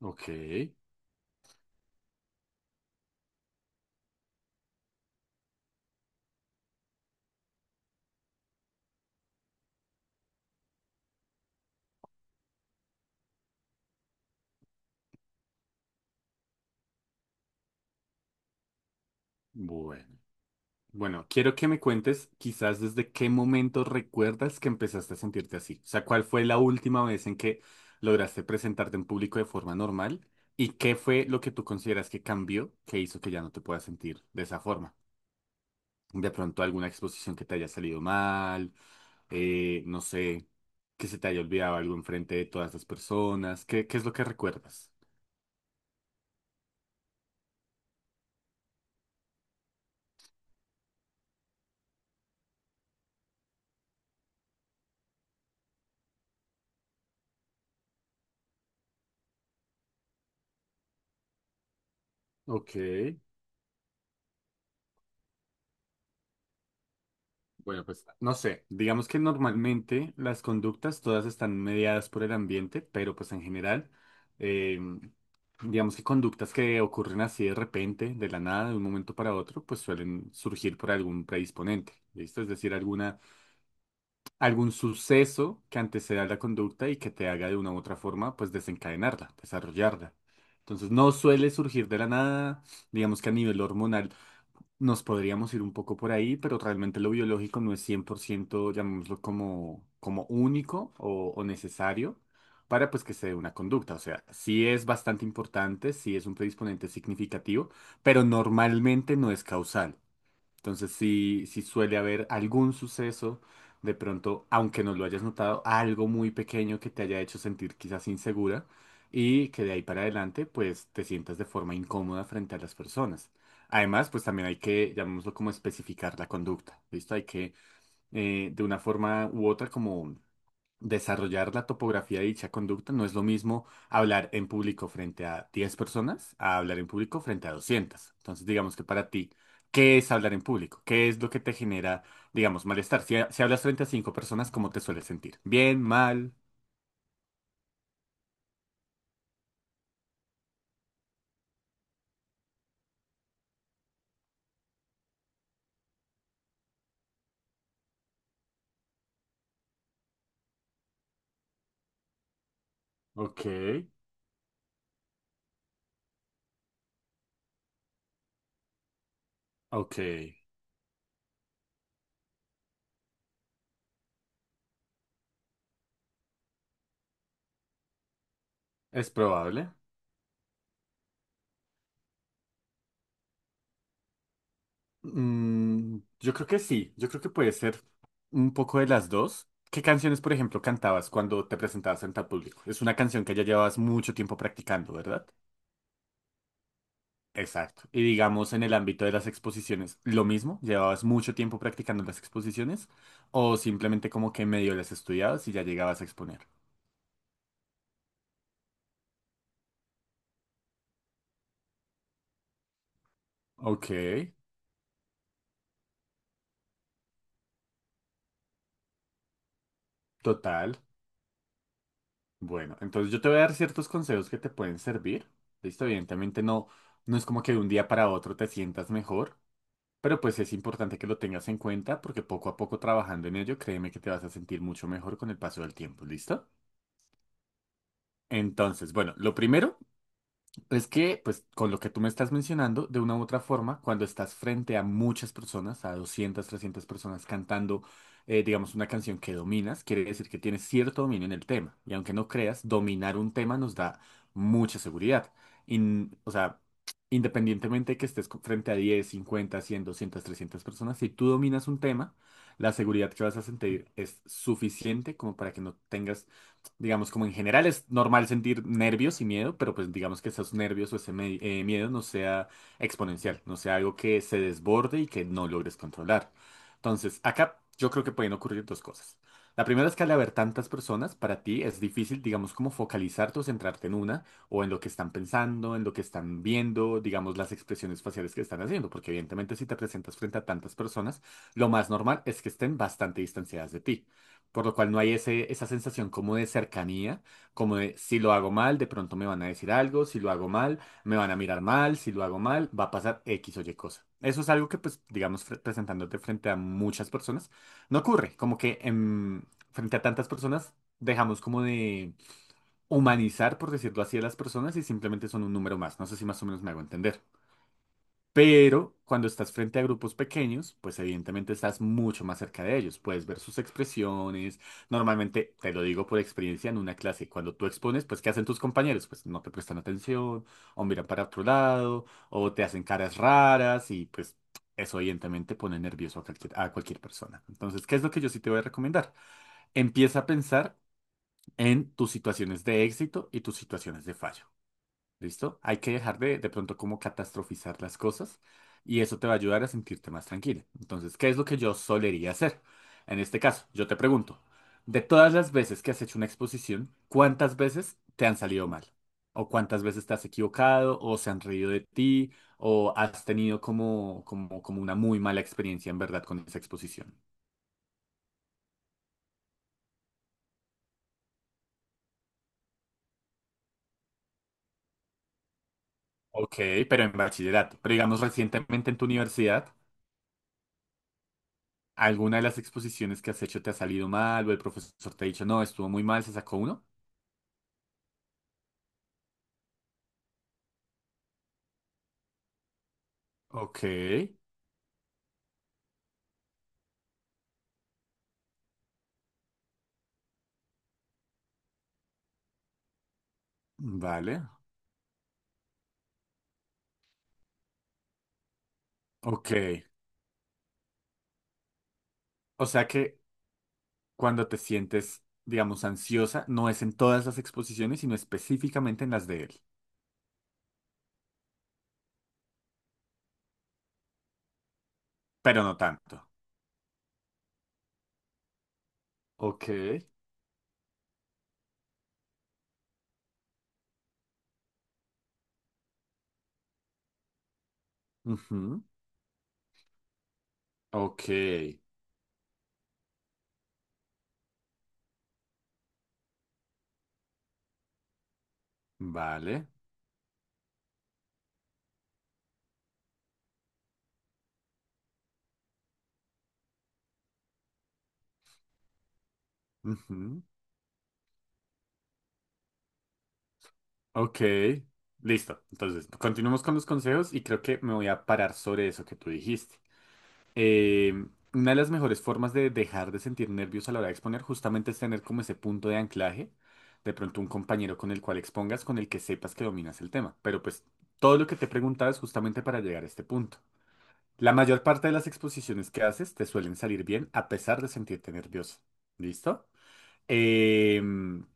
Ok, bueno. Bueno, quiero que me cuentes quizás desde qué momento recuerdas que empezaste a sentirte así. O sea, ¿cuál fue la última vez en que lograste presentarte en público de forma normal? ¿Y qué fue lo que tú consideras que cambió que hizo que ya no te puedas sentir de esa forma? De pronto alguna exposición que te haya salido mal, no sé, que se te haya olvidado algo enfrente de todas las personas. ¿Qué es lo que recuerdas? Ok. Bueno, pues no sé, digamos que normalmente las conductas todas están mediadas por el ambiente, pero pues en general, eh, digamos que conductas que ocurren así de repente, de la nada, de un momento para otro, pues suelen surgir por algún predisponente, ¿listo? Es decir, algún suceso que anteceda a la conducta y que te haga de una u otra forma, pues desencadenarla, desarrollarla. Entonces no suele surgir de la nada, digamos que a nivel hormonal. Nos podríamos ir un poco por ahí, pero realmente lo biológico no es 100% llamémoslo como, único o necesario para pues que se dé una conducta. O sea, sí es bastante importante, sí es un predisponente significativo, pero normalmente no es causal. Entonces sí suele haber algún suceso, de pronto, aunque no lo hayas notado, algo muy pequeño que te haya hecho sentir quizás insegura y que de ahí para adelante pues te sientas de forma incómoda frente a las personas. Además, pues también hay que, llamémoslo como especificar la conducta, ¿listo? Hay que de una forma u otra como desarrollar la topografía de dicha conducta. No es lo mismo hablar en público frente a 10 personas a hablar en público frente a 200. Entonces, digamos que para ti, ¿qué es hablar en público? ¿Qué es lo que te genera, digamos, malestar? Si hablas frente a 5 personas, ¿cómo te sueles sentir? ¿Bien? ¿Mal? Ok, ok. Es probable. Yo creo que sí. Yo creo que puede ser un poco de las dos. ¿Qué canciones, por ejemplo, cantabas cuando te presentabas frente al público? Es una canción que ya llevabas mucho tiempo practicando, ¿verdad? Exacto. Y digamos en el ámbito de las exposiciones, lo mismo, llevabas mucho tiempo practicando las exposiciones o simplemente como que medio las estudiabas y ya llegabas a exponer. Ok, total. Bueno, entonces yo te voy a dar ciertos consejos que te pueden servir. Listo, evidentemente no es como que de un día para otro te sientas mejor, pero pues es importante que lo tengas en cuenta porque poco a poco trabajando en ello, créeme que te vas a sentir mucho mejor con el paso del tiempo. ¿Listo? Entonces, bueno, lo primero es que, pues, con lo que tú me estás mencionando, de una u otra forma, cuando estás frente a muchas personas, a 200 300 personas cantando, digamos, una canción que dominas, quiere decir que tienes cierto dominio en el tema. Y aunque no creas, dominar un tema nos da mucha seguridad. O sea, independientemente de que estés frente a 10 50 100 200 300 personas, si tú dominas un tema, la seguridad que vas a sentir es suficiente como para que no tengas. Digamos, como en general es normal sentir nervios y miedo, pero pues digamos que esos nervios o ese miedo no sea exponencial, no sea algo que se desborde y que no logres controlar. Entonces, acá yo creo que pueden ocurrir dos cosas. La primera es que al haber tantas personas, para ti es difícil, digamos, como focalizarte o centrarte en una, o en lo que están pensando, en lo que están viendo, digamos, las expresiones faciales que están haciendo, porque evidentemente si te presentas frente a tantas personas, lo más normal es que estén bastante distanciadas de ti, por lo cual no hay esa sensación como de cercanía, como de si lo hago mal, de pronto me van a decir algo, si lo hago mal, me van a mirar mal, si lo hago mal, va a pasar X o Y cosa. Eso es algo que, pues, digamos, presentándote frente a muchas personas, no ocurre, como que frente a tantas personas dejamos como de humanizar, por decirlo así, a las personas y simplemente son un número más. No sé si más o menos me hago entender. Pero cuando estás frente a grupos pequeños, pues evidentemente estás mucho más cerca de ellos. Puedes ver sus expresiones. Normalmente, te lo digo por experiencia, en una clase, cuando tú expones, pues ¿qué hacen tus compañeros? Pues no te prestan atención, o miran para otro lado, o te hacen caras raras, y pues eso evidentemente pone nervioso a cualquier persona. Entonces, ¿qué es lo que yo sí te voy a recomendar? Empieza a pensar en tus situaciones de éxito y tus situaciones de fallo. ¿Listo? Hay que dejar de pronto como catastrofizar las cosas, y eso te va a ayudar a sentirte más tranquila. Entonces, ¿qué es lo que yo solería hacer? En este caso, yo te pregunto, de todas las veces que has hecho una exposición, ¿cuántas veces te han salido mal? ¿O cuántas veces te has equivocado? ¿O se han reído de ti? ¿O has tenido como una muy mala experiencia en verdad con esa exposición? Ok, pero en bachillerato. Pero digamos recientemente en tu universidad. ¿Alguna de las exposiciones que has hecho te ha salido mal, o el profesor te ha dicho, no, estuvo muy mal, se sacó uno? Ok, vale, ok. O sea que cuando te sientes, digamos, ansiosa, no es en todas las exposiciones, sino específicamente en las de él, pero no tanto. Ok, ujú, ok, vale, ujú, ok. Listo, entonces continuemos con los consejos y creo que me voy a parar sobre eso que tú dijiste. eh, una de las mejores formas de dejar de sentir nervios a la hora de exponer justamente es tener como ese punto de anclaje, de pronto un compañero con el cual expongas, con el que sepas que dominas el tema. Pero pues todo lo que te he preguntado es justamente para llegar a este punto. La mayor parte de las exposiciones que haces te suelen salir bien a pesar de sentirte nervioso. ¿Listo? Em,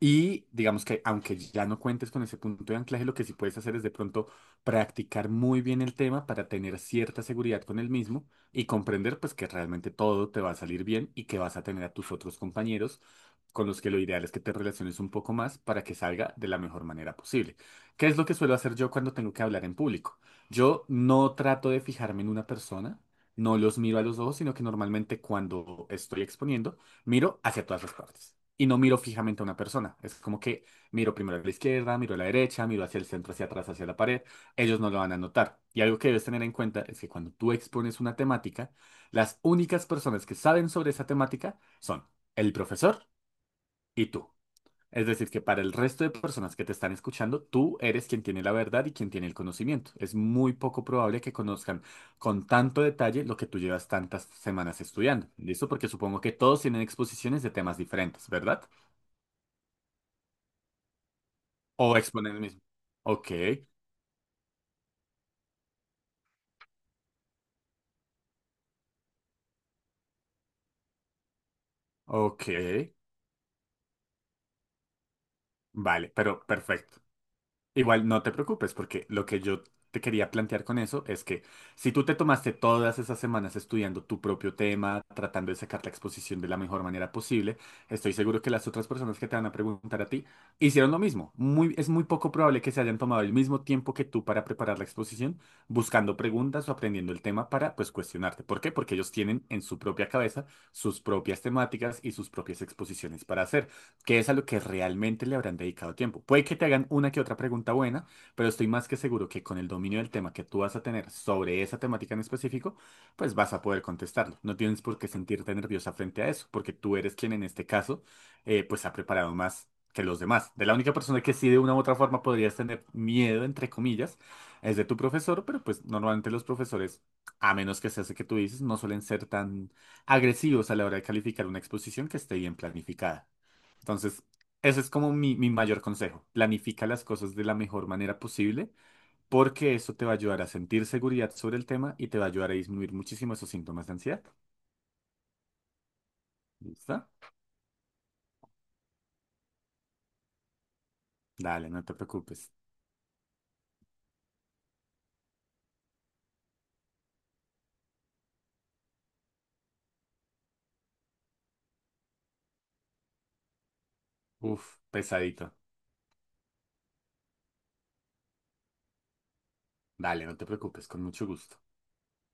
y digamos que aunque ya no cuentes con ese punto de anclaje, lo que sí puedes hacer es de pronto practicar muy bien el tema para tener cierta seguridad con el mismo y comprender pues que realmente todo te va a salir bien y que vas a tener a tus otros compañeros con los que lo ideal es que te relaciones un poco más para que salga de la mejor manera posible. ¿Qué es lo que suelo hacer yo cuando tengo que hablar en público? Yo no trato de fijarme en una persona, no los miro a los ojos, sino que normalmente cuando estoy exponiendo miro hacia todas las partes y no miro fijamente a una persona. Es como que miro primero a la izquierda, miro a la derecha, miro hacia el centro, hacia atrás, hacia la pared. Ellos no lo van a notar. Y algo que debes tener en cuenta es que cuando tú expones una temática, las únicas personas que saben sobre esa temática son el profesor y tú. Es decir, que para el resto de personas que te están escuchando, tú eres quien tiene la verdad y quien tiene el conocimiento. Es muy poco probable que conozcan con tanto detalle lo que tú llevas tantas semanas estudiando. ¿Listo? Porque supongo que todos tienen exposiciones de temas diferentes, ¿verdad? O exponen el mismo. Ok, ok. Vale, pero perfecto. Igual no te preocupes, porque lo que yo te quería plantear con eso es que si tú te tomaste todas esas semanas estudiando tu propio tema, tratando de sacar la exposición de la mejor manera posible, estoy seguro que las otras personas que te van a preguntar a ti hicieron lo mismo. Es muy poco probable que se hayan tomado el mismo tiempo que tú para preparar la exposición, buscando preguntas o aprendiendo el tema para, pues, cuestionarte. ¿Por qué? Porque ellos tienen en su propia cabeza sus propias temáticas y sus propias exposiciones para hacer, que es a lo que realmente le habrán dedicado tiempo. Puede que te hagan una que otra pregunta buena, pero estoy más que seguro que con el dominio del tema que tú vas a tener sobre esa temática en específico, pues vas a poder contestarlo. No tienes por qué sentirte nerviosa frente a eso, porque tú eres quien en este caso, pues, ha preparado más que los demás. De la única persona que sí de una u otra forma podrías tener miedo, entre comillas, es de tu profesor, pero pues normalmente los profesores, a menos que sea ese que tú dices, no suelen ser tan agresivos a la hora de calificar una exposición que esté bien planificada. Entonces, ese es como mi mayor consejo. Planifica las cosas de la mejor manera posible porque eso te va a ayudar a sentir seguridad sobre el tema y te va a ayudar a disminuir muchísimo esos síntomas de ansiedad. ¿Listo? Dale, no te preocupes. Uf, pesadito. Dale, no te preocupes, con mucho gusto.